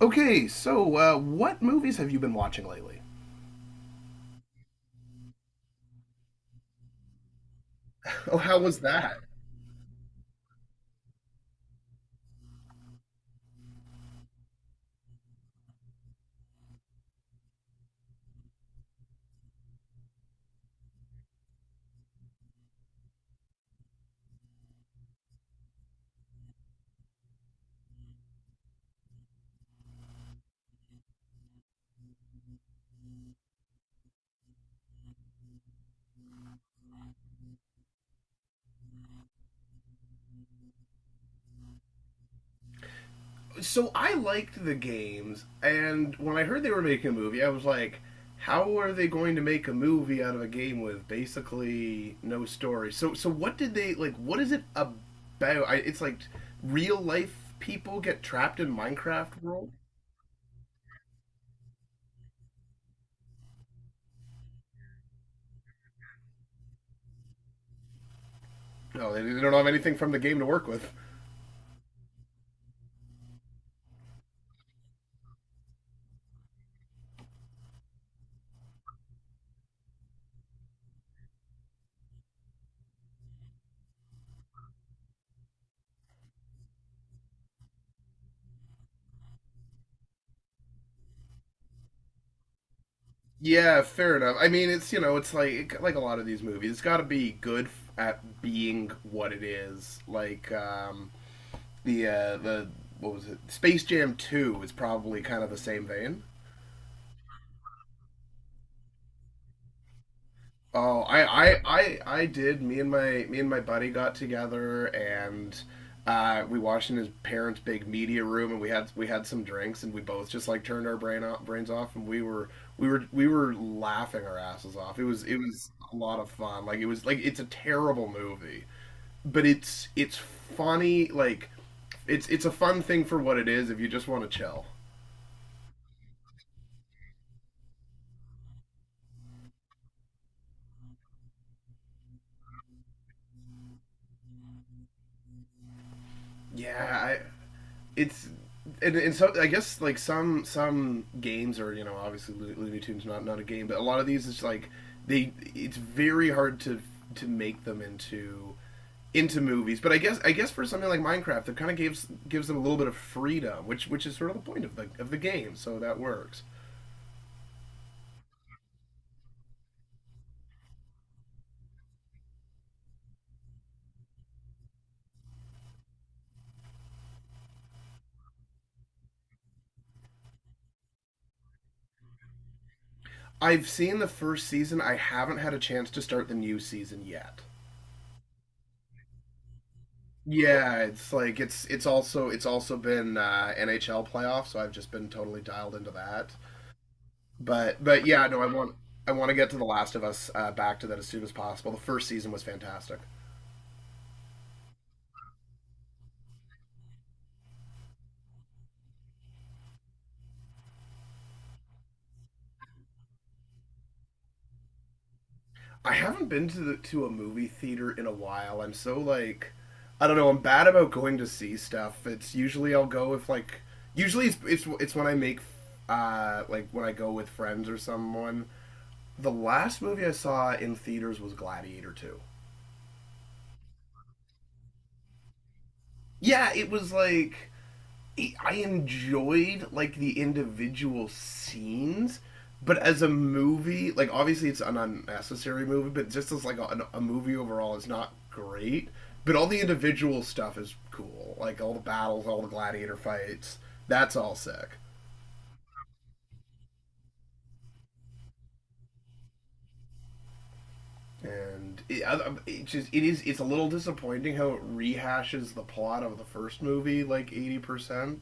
Okay, so what movies have you been watching lately? Oh, how was that? So I liked the games, and when I heard they were making a movie, I was like, how are they going to make a movie out of a game with basically no story? So what did they like? What is it about? It's like real life people get trapped in Minecraft world. No, they don't have anything from the game to work with. Yeah, fair enough. I mean, it's it's like a lot of these movies. It's got to be good at being what it is. Like the what was it? Space Jam Two is probably kind of the same vein. Oh, I did. Me and my buddy got together and we watched in his parents' big media room and we had some drinks and we both just like turned our brain off, brains off and we were laughing our asses off. It was a lot of fun. Like it was like it's a terrible movie, but it's funny. Like it's a fun thing for what it is if you just want to chill. Yeah, I it's and so I guess like some games are obviously Looney Tunes, not a game, but a lot of these is like they it's very hard to make them into movies. But I guess for something like Minecraft, it kind of gives them a little bit of freedom, which is sort of the point of the game. So that works. I've seen the first season. I haven't had a chance to start the new season yet. Yeah, it's like it's also been NHL playoffs, so I've just been totally dialed into that. But yeah, no, I want to get to The Last of Us, back to that as soon as possible. The first season was fantastic. I haven't been to to a movie theater in a while. I'm so like I don't know. I'm bad about going to see stuff. It's usually I'll go if like usually it's when I make like when I go with friends or someone. The last movie I saw in theaters was Gladiator 2. Yeah, it was like I enjoyed like the individual scenes, but as a movie, like obviously it's an unnecessary movie, but just as like a movie overall, it's not great. But all the individual stuff is cool, like all the battles, all the gladiator fights. That's all sick, and it just it's a little disappointing how it rehashes the plot of the first movie like 80%.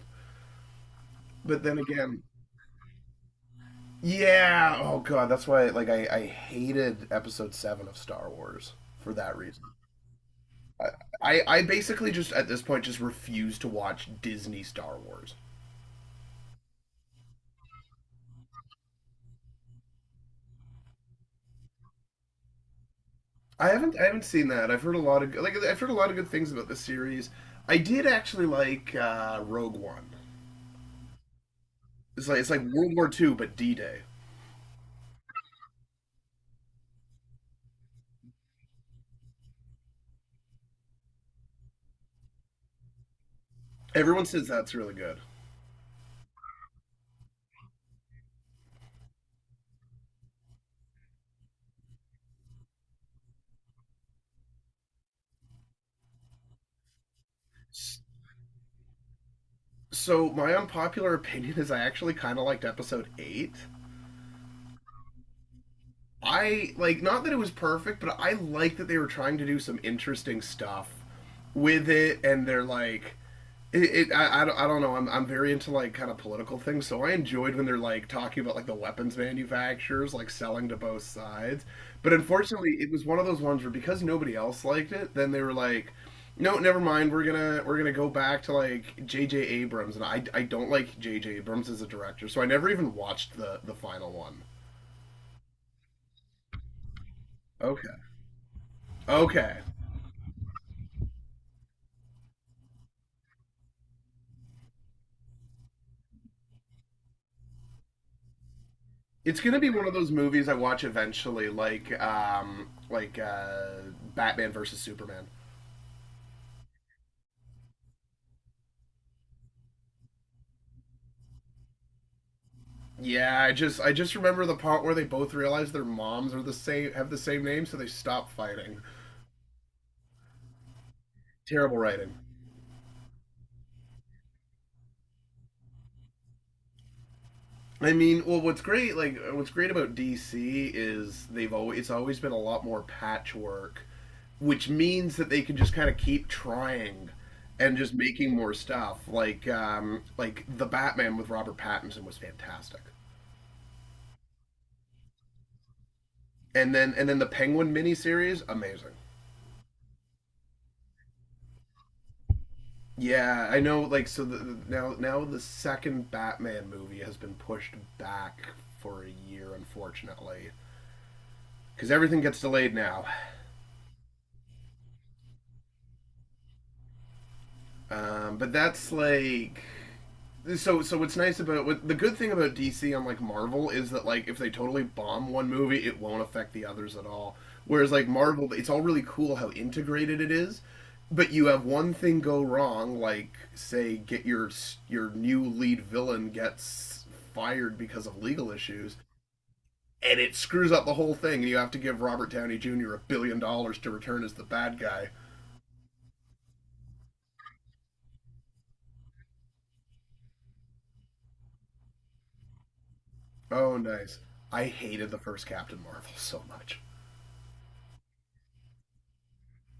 But then again, yeah. Oh god, that's why. Like, I hated Episode Seven of Star Wars for that reason. I, I basically just at this point just refuse to watch Disney Star Wars. I haven't seen that. I've heard a lot of like I've heard a lot of good things about this series. I did actually like Rogue One. It's like World War Two but D Day. Everyone says that's really good. So my unpopular opinion is I actually kind of liked Episode Eight. I like not that it was perfect, but I like that they were trying to do some interesting stuff with it, and they're like, it. It I don't know. I'm very into like kind of political things, so I enjoyed when they're like talking about like the weapons manufacturers like selling to both sides. But unfortunately, it was one of those ones where because nobody else liked it, then they were like. No, never mind. We're gonna go back to like J J Abrams, and I don't like J J Abrams as a director, so I never even watched the final one. Okay. Okay. It's gonna be one of those movies I watch eventually, like Batman versus Superman. Yeah, I just remember the part where they both realize their moms are the same have the same name, so they stop fighting. Terrible writing. I mean, well, what's great about DC is they've always it's always been a lot more patchwork, which means that they can just kind of keep trying and just making more stuff. Like the Batman with Robert Pattinson was fantastic. And then the Penguin miniseries, amazing. Yeah, I know. Like, now the second Batman movie has been pushed back for a year, unfortunately, because everything gets delayed now. But that's like. So what's nice about the good thing about DC, unlike Marvel, is that like if they totally bomb one movie, it won't affect the others at all. Whereas like Marvel, it's all really cool how integrated it is, but you have one thing go wrong, like say get your new lead villain gets fired because of legal issues, and it screws up the whole thing, and you have to give Robert Downey Jr. a billion dollars to return as the bad guy. Oh, nice! I hated the first Captain Marvel so much.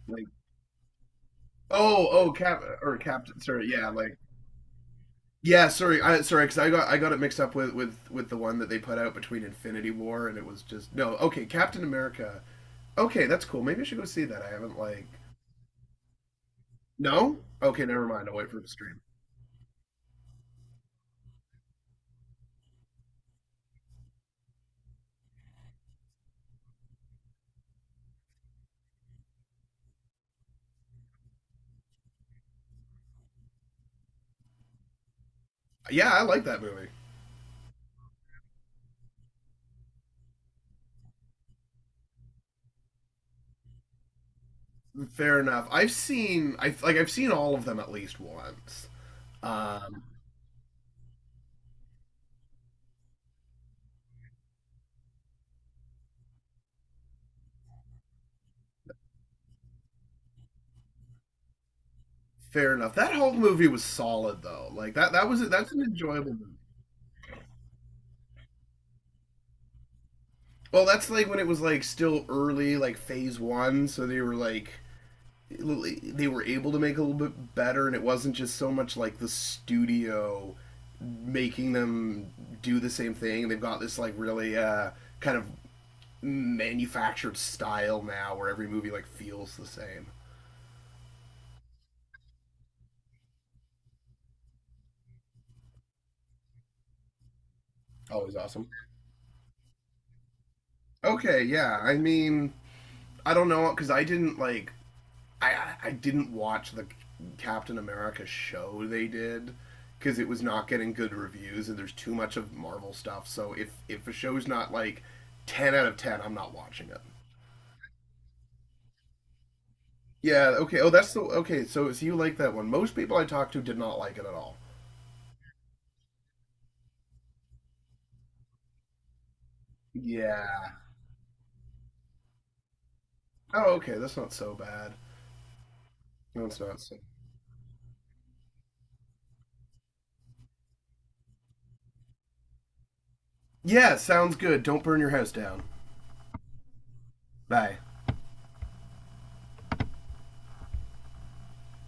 Like, oh, oh, cap or captain. Sorry, yeah, like yeah. Sorry, I sorry because I got it mixed up with with the one that they put out between Infinity War and it was just no. Okay, Captain America. Okay, that's cool. Maybe I should go see that. I haven't like no. Okay, never mind. I'll wait for the stream. Yeah, I like that movie. Fair enough. I've seen all of them at least once. Um, fair enough. That whole movie was solid though. Like that's an enjoyable movie. Well, that's like when it was like still early, like phase one, so they were like they were able to make a little bit better, and it wasn't just so much like the studio making them do the same thing. They've got this like really kind of manufactured style now, where every movie like feels the same. Always awesome. Okay, yeah. I mean, I don't know because I didn't watch the Captain America show they did because it was not getting good reviews and there's too much of Marvel stuff. So if a show's not like 10 out of 10, I'm not watching it. Yeah, okay. Oh, that's the okay. So you like that one. Most people I talked to did not like it at all. Yeah. Oh, okay. That's not so bad. No, it's not. So... Yeah, sounds good. Don't burn your house down. Bye.